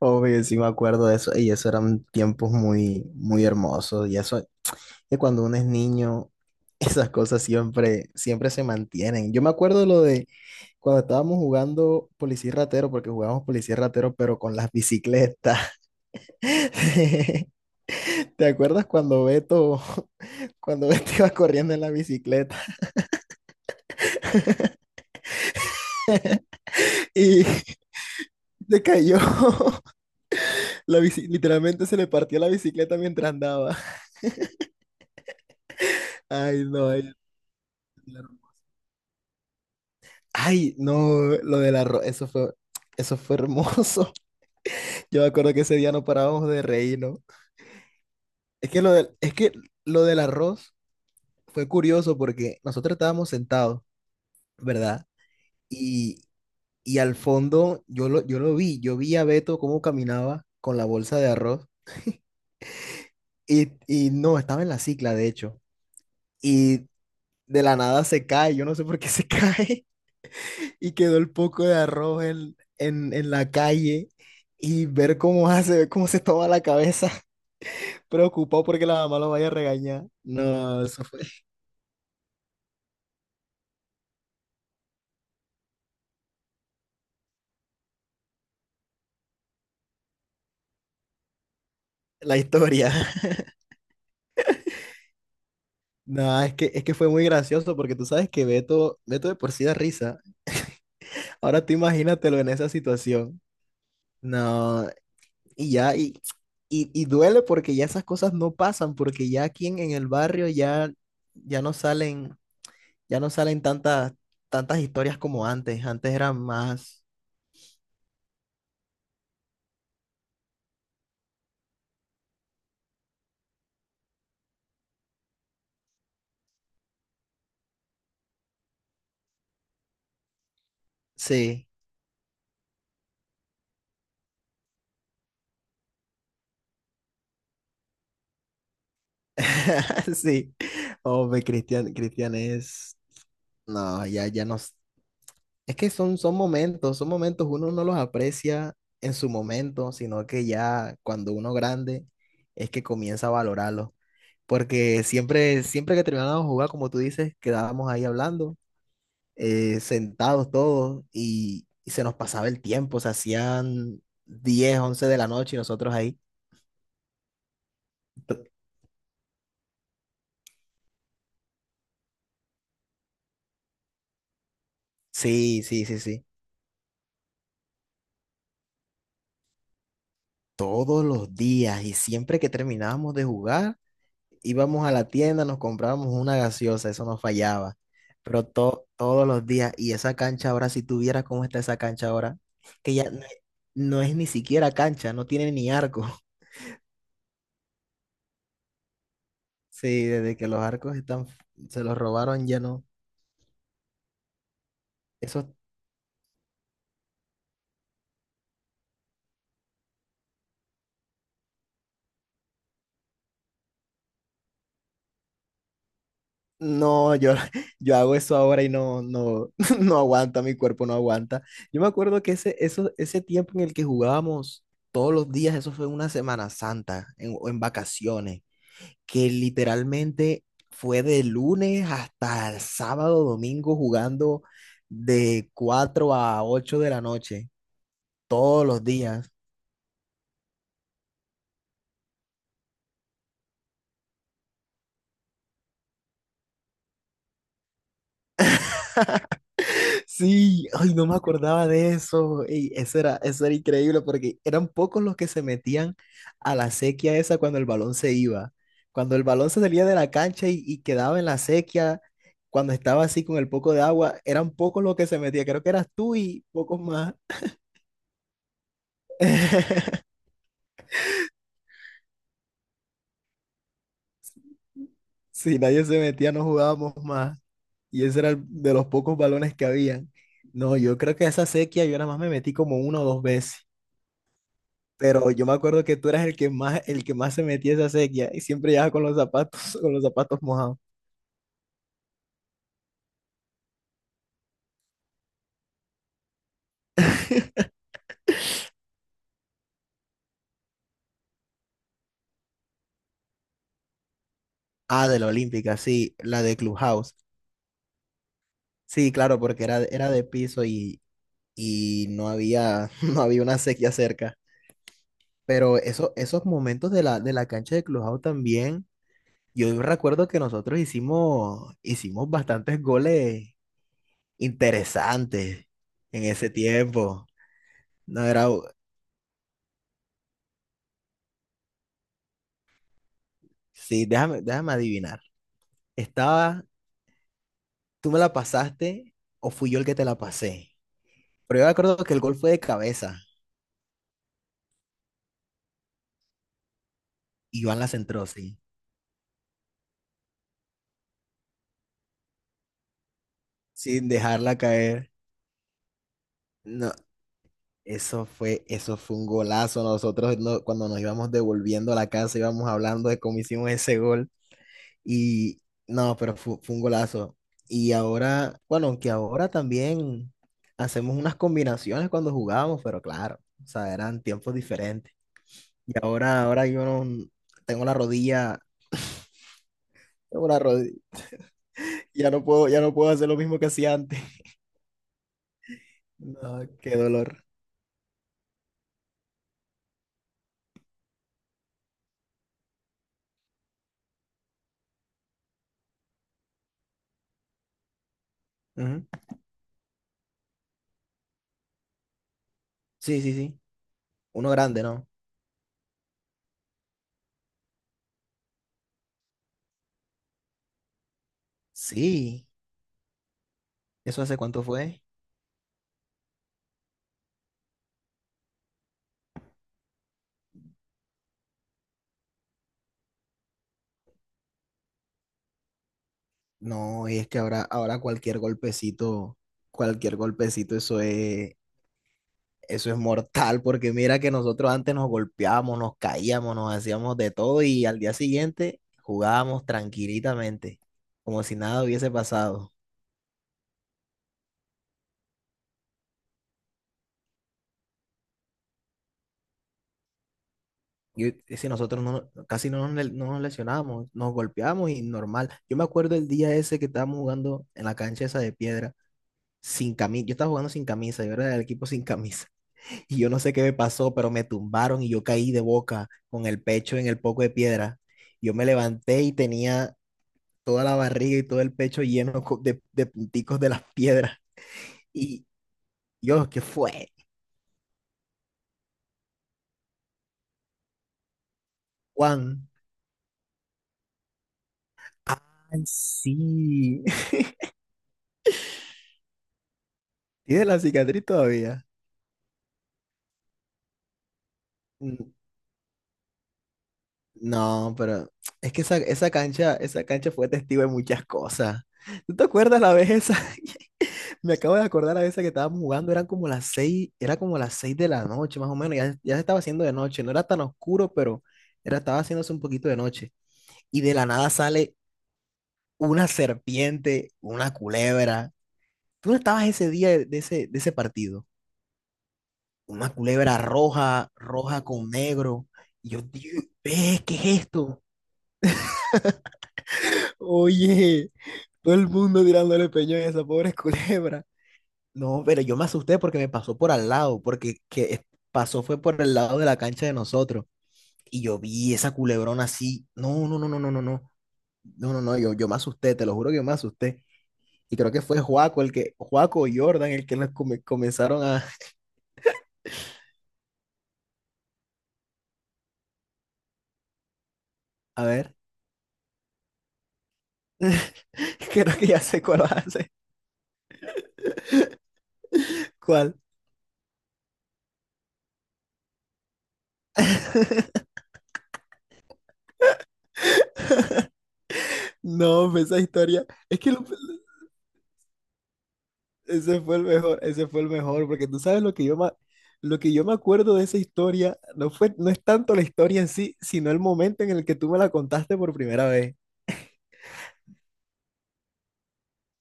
Obvio, sí me acuerdo de eso, y eso eran tiempos muy, muy hermosos, y eso, que cuando uno es niño, esas cosas siempre, siempre se mantienen. Yo me acuerdo de lo de cuando estábamos jugando policía y ratero, porque jugábamos policía y ratero, pero con las bicicletas. ¿Te acuerdas cuando Beto, cuando Beto iba corriendo en la bicicleta y se cayó? Literalmente se le partió la bicicleta mientras andaba. Ay, no, ay. Ay, no, lo del arroz, eso fue hermoso. Yo me acuerdo que ese día no parábamos de reírnos. Es que lo del arroz fue curioso porque nosotros estábamos sentados, ¿verdad? Y, y al fondo yo lo vi, yo vi a Beto cómo caminaba con la bolsa de arroz y no, estaba en la cicla, de hecho. Y de la nada se cae, yo no sé por qué se cae. Y quedó el poco de arroz en la calle y ver cómo hace, ver cómo se toma la cabeza, preocupado porque la mamá lo vaya a regañar. No, eso fue la historia. No, es que fue muy gracioso porque tú sabes que Beto, Beto de por sí da risa. Ahora tú imagínatelo en esa situación. No, y ya, y duele porque ya esas cosas no pasan, porque ya aquí en el barrio ya, ya no salen, ya no salen, tantas, tantas historias como antes. Antes eran más. Sí, sí. Hombre, Cristian, Cristian es. No, ya, ya no. Es que son momentos, son momentos, uno no los aprecia en su momento, sino que ya cuando uno grande es que comienza a valorarlo. Porque siempre, siempre que terminábamos de jugar, como tú dices, quedábamos ahí hablando, sentados todos, y se nos pasaba el tiempo, se hacían 10, 11 de la noche y nosotros ahí. Sí, sí, sí, sí. Todos los días y siempre que terminábamos de jugar, íbamos a la tienda, nos comprábamos una gaseosa, eso no fallaba, pero todos los días y esa cancha ahora, si tuviera cómo está esa cancha ahora, que ya no, es no es ni siquiera cancha, no tiene ni arco. Sí, desde que los arcos están, se los robaron ya no. Esos. No, yo, yo hago eso ahora y no, no, no aguanta, mi cuerpo no aguanta. Yo me acuerdo que ese tiempo en el que jugábamos todos los días, eso fue una Semana Santa o en vacaciones, que literalmente fue de lunes hasta el sábado, domingo jugando de 4 a 8 de la noche, todos los días. Sí, ay, no me acordaba de eso. Ey, eso era increíble porque eran pocos los que se metían a la sequía esa cuando el balón se iba. Cuando el balón se salía de la cancha y quedaba en la sequía, cuando estaba así con el poco de agua, eran pocos los que se metían. Creo que eras tú y pocos más. Si nadie se metía, no jugábamos más. Y ese era de los pocos balones que habían. No, yo creo que esa sequía yo nada más me metí como una o dos veces. Pero yo me acuerdo que tú eras el que más se metía a esa sequía y siempre llegaba con los zapatos, con los zapatos mojados. Ah, de la Olímpica, sí, la de Clubhouse. Sí, claro, porque era de piso y no había, no había una sequía cerca. Pero eso, esos momentos de la cancha de Clubhouse también, yo recuerdo que nosotros hicimos bastantes goles interesantes en ese tiempo. No era, sí, déjame adivinar. Estaba. ¿Tú me la pasaste o fui yo el que te la pasé? Pero yo me acuerdo que el gol fue de cabeza y Iván la centró, sí, sin dejarla caer. No, eso fue un golazo. Nosotros cuando nos íbamos devolviendo a la casa íbamos hablando de cómo hicimos ese gol y no, pero fue, un golazo. Y ahora, bueno, aunque ahora también hacemos unas combinaciones cuando jugábamos, pero claro, o sea, eran tiempos diferentes. Y ahora, ahora yo tengo la rodilla... Tengo la, rodilla. Ya no puedo hacer lo mismo que hacía antes. No, qué dolor. Ujú. Sí, sí, sí. Uno grande, ¿no? Sí. ¿Eso hace cuánto fue? No, y es que ahora, cualquier golpecito, eso es mortal, porque mira que nosotros antes nos golpeábamos, nos caíamos, nos hacíamos de todo y al día siguiente jugábamos tranquilitamente, como si nada hubiese pasado. Y si nosotros no, casi no nos, no nos lesionamos, nos golpeamos y normal. Yo me acuerdo el día ese que estábamos jugando en la cancha esa de piedra, sin camisa. Yo estaba jugando sin camisa, yo era del equipo sin camisa. Y yo no sé qué me pasó, pero me tumbaron y yo caí de boca con el pecho en el poco de piedra. Yo me levanté y tenía toda la barriga y todo el pecho lleno de punticos de las piedras. Y yo, ¿qué fue? Juan. Ay, sí. ¿Tienes la cicatriz todavía? Mm. No, pero es que esa cancha fue testigo de muchas cosas. ¿Tú te acuerdas la vez esa? Me acabo de acordar la vez esa que estábamos jugando, era como las seis de la noche, más o menos, ya se estaba haciendo de noche, no era tan oscuro, pero estaba haciéndose un poquito de noche. Y de la nada sale una serpiente, una culebra. ¿Tú no estabas ese día de ese partido? Una culebra roja, roja con negro. Y yo, digo: "Ve, ¿qué es esto? Oye, todo el mundo tirándole peñón a esa pobre culebra. No, pero yo me asusté porque me pasó por al lado, porque pasó fue por el lado de la cancha de nosotros. Y yo vi esa culebrona así. No, no, no, no, no, no, no. No, no, no, yo me asusté, te lo juro que yo me asusté. Y creo que fue Juaco y Jordan el que nos comenzaron a ver. Creo que ya sé cuál va a ser. ¿Cuál? No, pues, esa historia. Es que lo. Ese fue el mejor, ese fue el mejor, porque tú sabes lo que yo me acuerdo de esa historia, no fue, no es tanto la historia en sí, sino el momento en el que tú me la contaste por primera vez.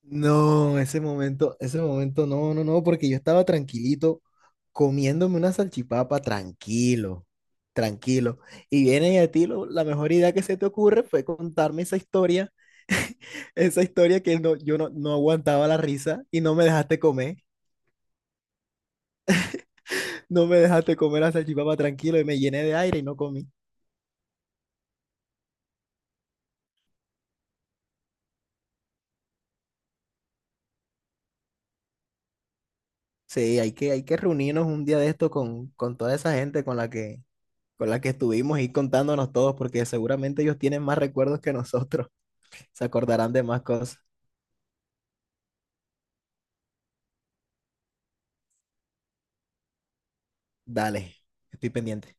No, ese momento, no, no, no, porque yo estaba tranquilito comiéndome una salchipapa, tranquilo, tranquilo. Y viene y a ti la mejor idea que se te ocurre fue contarme esa historia que no, yo no aguantaba la risa y no me dejaste comer. No me dejaste comer la salchipapa tranquilo y me llené de aire y no comí. Sí, hay que reunirnos un día de esto con toda esa gente con la que estuvimos y contándonos todos, porque seguramente ellos tienen más recuerdos que nosotros. Se acordarán de más cosas. Dale, estoy pendiente.